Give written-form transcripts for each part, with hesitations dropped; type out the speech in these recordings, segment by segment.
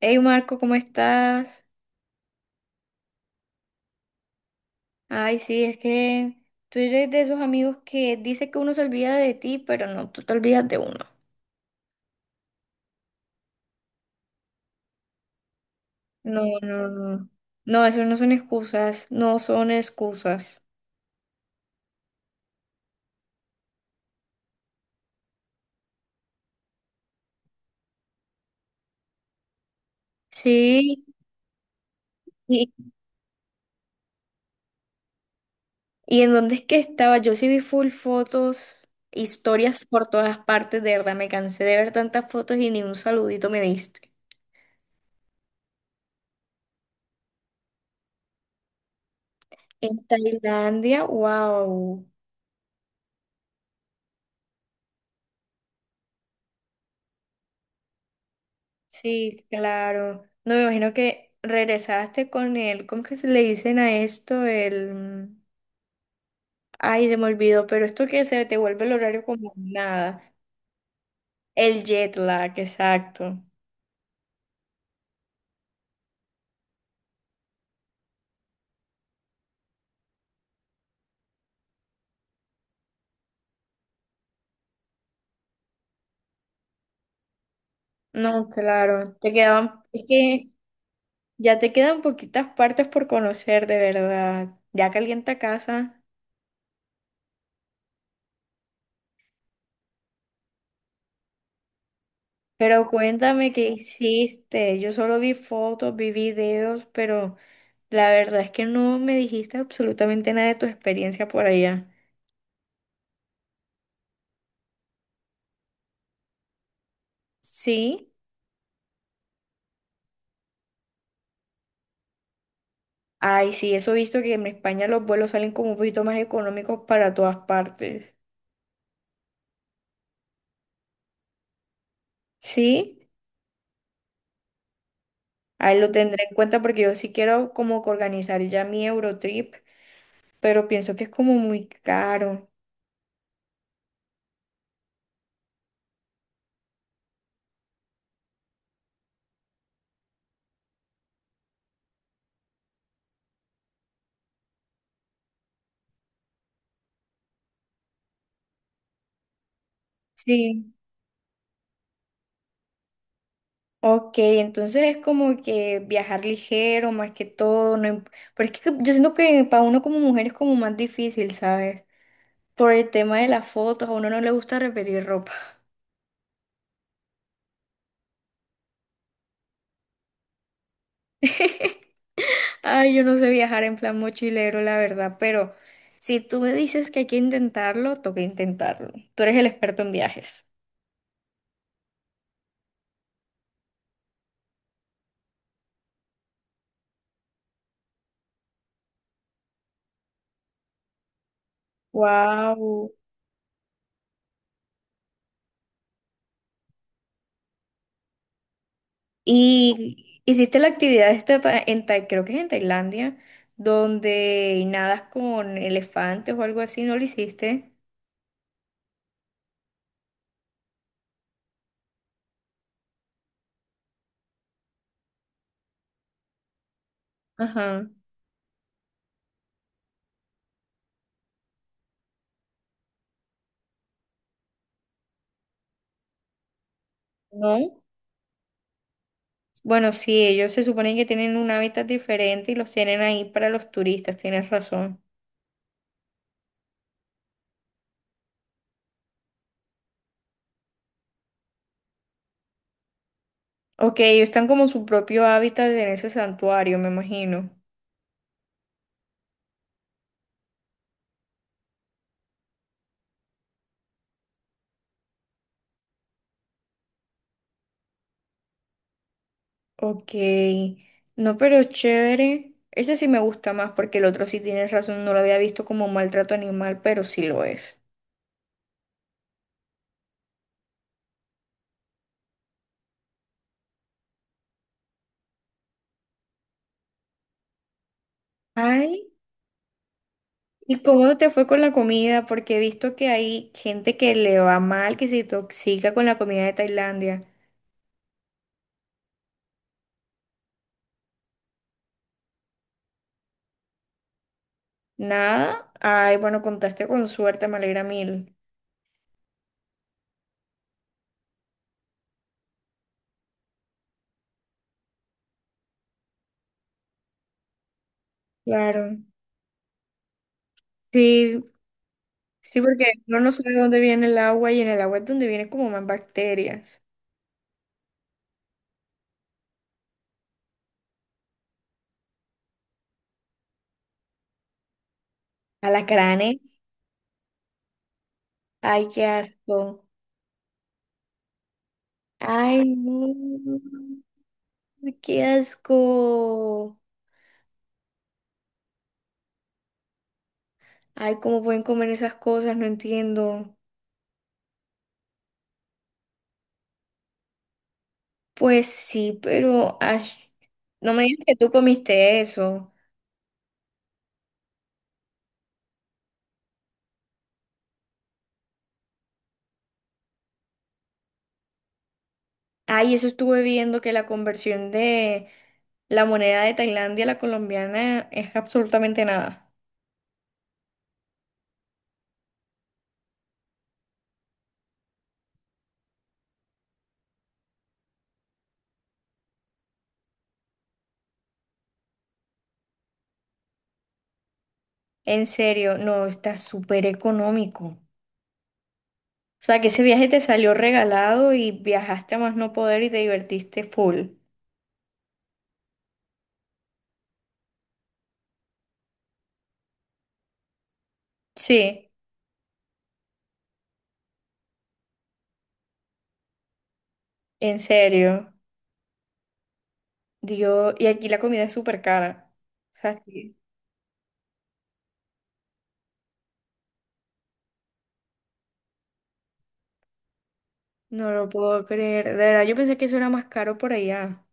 Hey Marco, ¿cómo estás? Ay, sí, es que tú eres de esos amigos que dice que uno se olvida de ti, pero no, tú te olvidas de uno. No, no, no. No, eso no son excusas, no son excusas. Sí, y, y en dónde es que estaba, yo sí vi full fotos, historias por todas partes, de verdad, me cansé de ver tantas fotos y ni un saludito me diste. En Tailandia, wow. Sí, claro. No me imagino que regresaste con el, ¿cómo que se le dicen a esto? El, ay, se me olvidó, pero esto que se te vuelve el horario como nada. El jet lag, exacto. No, claro, te quedaban, es que ya te quedan poquitas partes por conocer, de verdad. Ya calienta casa. Pero cuéntame qué hiciste. Yo solo vi fotos, vi videos, pero la verdad es que no me dijiste absolutamente nada de tu experiencia por allá. Sí, ay, sí, eso he visto que en España los vuelos salen como un poquito más económicos para todas partes. Sí, ahí lo tendré en cuenta porque yo sí quiero como que organizar ya mi Eurotrip, pero pienso que es como muy caro. Sí. Ok, entonces es como que viajar ligero más que todo, no, im- pero es que yo siento que para uno como mujer es como más difícil, ¿sabes? Por el tema de las fotos, a uno no le gusta repetir ropa. Ay, yo no sé viajar en plan mochilero, la verdad, pero si tú me dices que hay que intentarlo, toca intentarlo. Tú eres el experto en viajes. Wow. Y hiciste la actividad esta ta- en Tai- creo que es en Tailandia, donde nadas con elefantes o algo así, ¿no lo hiciste? Ajá. No. Bueno, sí, ellos se suponen que tienen un hábitat diferente y los tienen ahí para los turistas, tienes razón. Ok, ellos están como en su propio hábitat en ese santuario, me imagino. Ok, no, pero chévere. Ese sí me gusta más porque el otro sí tienes razón, no lo había visto como maltrato animal, pero sí lo es. Ay, ¿y cómo te fue con la comida? Porque he visto que hay gente que le va mal, que se intoxica con la comida de Tailandia. Nada. Ay, bueno, contaste con suerte, me alegra mil. Claro. Sí, sí, porque uno no sabe de dónde viene el agua y en el agua es donde vienen como más bacterias. Alacranes. Ay, qué asco. Ay, no, qué asco. Ay, ¿cómo pueden comer esas cosas? No entiendo. Pues sí, pero ay, no me digas que tú comiste eso. Ay, eso estuve viendo que la conversión de la moneda de Tailandia a la colombiana es absolutamente nada. En serio, no, está súper económico. O sea, que ese viaje te salió regalado y viajaste a más no poder y te divertiste full. Sí, en serio. Dios, y aquí la comida es súper cara. O sea, sí, no lo puedo creer. De verdad, yo pensé que eso era más caro por allá.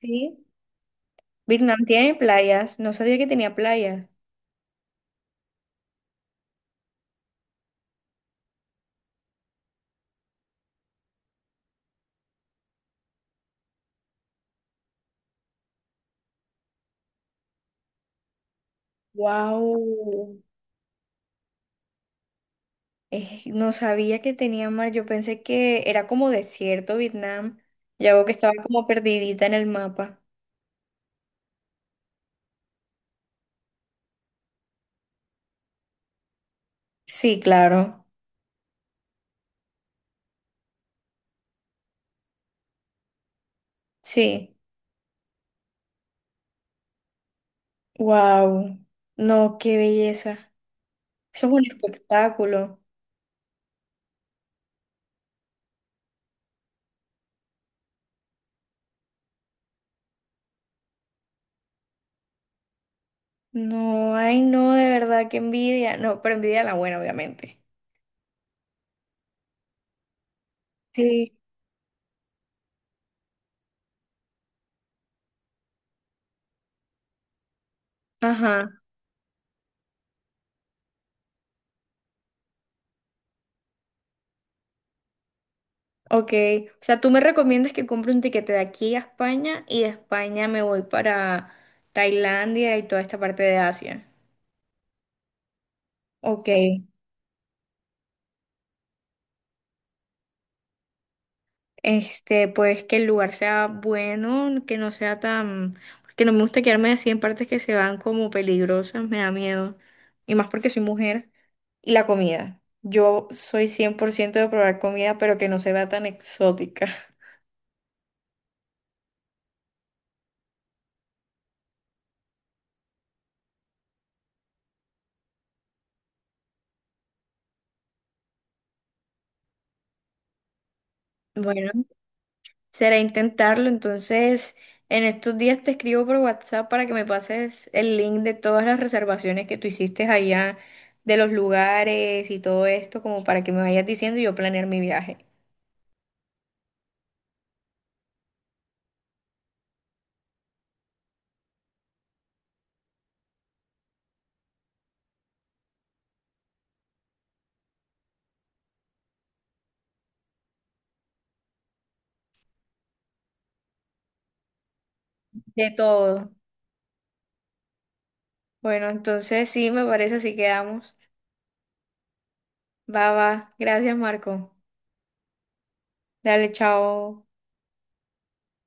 Sí. Vietnam tiene playas. No sabía que tenía playas. Wow. No sabía que tenía mar. Yo pensé que era como desierto Vietnam. Ya veo que estaba como perdidita en el mapa. Sí, claro. Sí. Wow. No, qué belleza. Eso es un espectáculo. No, ay, no, de verdad, qué envidia. No, pero envidia la buena, obviamente. Sí, ajá, ok. O sea, tú me recomiendas que compre un tiquete de aquí a España y de España me voy para Tailandia y toda esta parte de Asia. Ok, este, pues que el lugar sea bueno, que no sea tan... Porque no me gusta quedarme así en partes que se van como peligrosas, me da miedo. Y más porque soy mujer. Y la comida. Yo soy 100% de probar comida, pero que no se vea tan exótica. Bueno. Será intentarlo, entonces en estos días te escribo por WhatsApp para que me pases el link de todas las reservaciones que tú hiciste allá, de los lugares y todo esto, como para que me vayas diciendo y yo planear mi viaje. De todo. Bueno, entonces sí, me parece así quedamos. Va, va. Gracias, Marco. Dale, chao.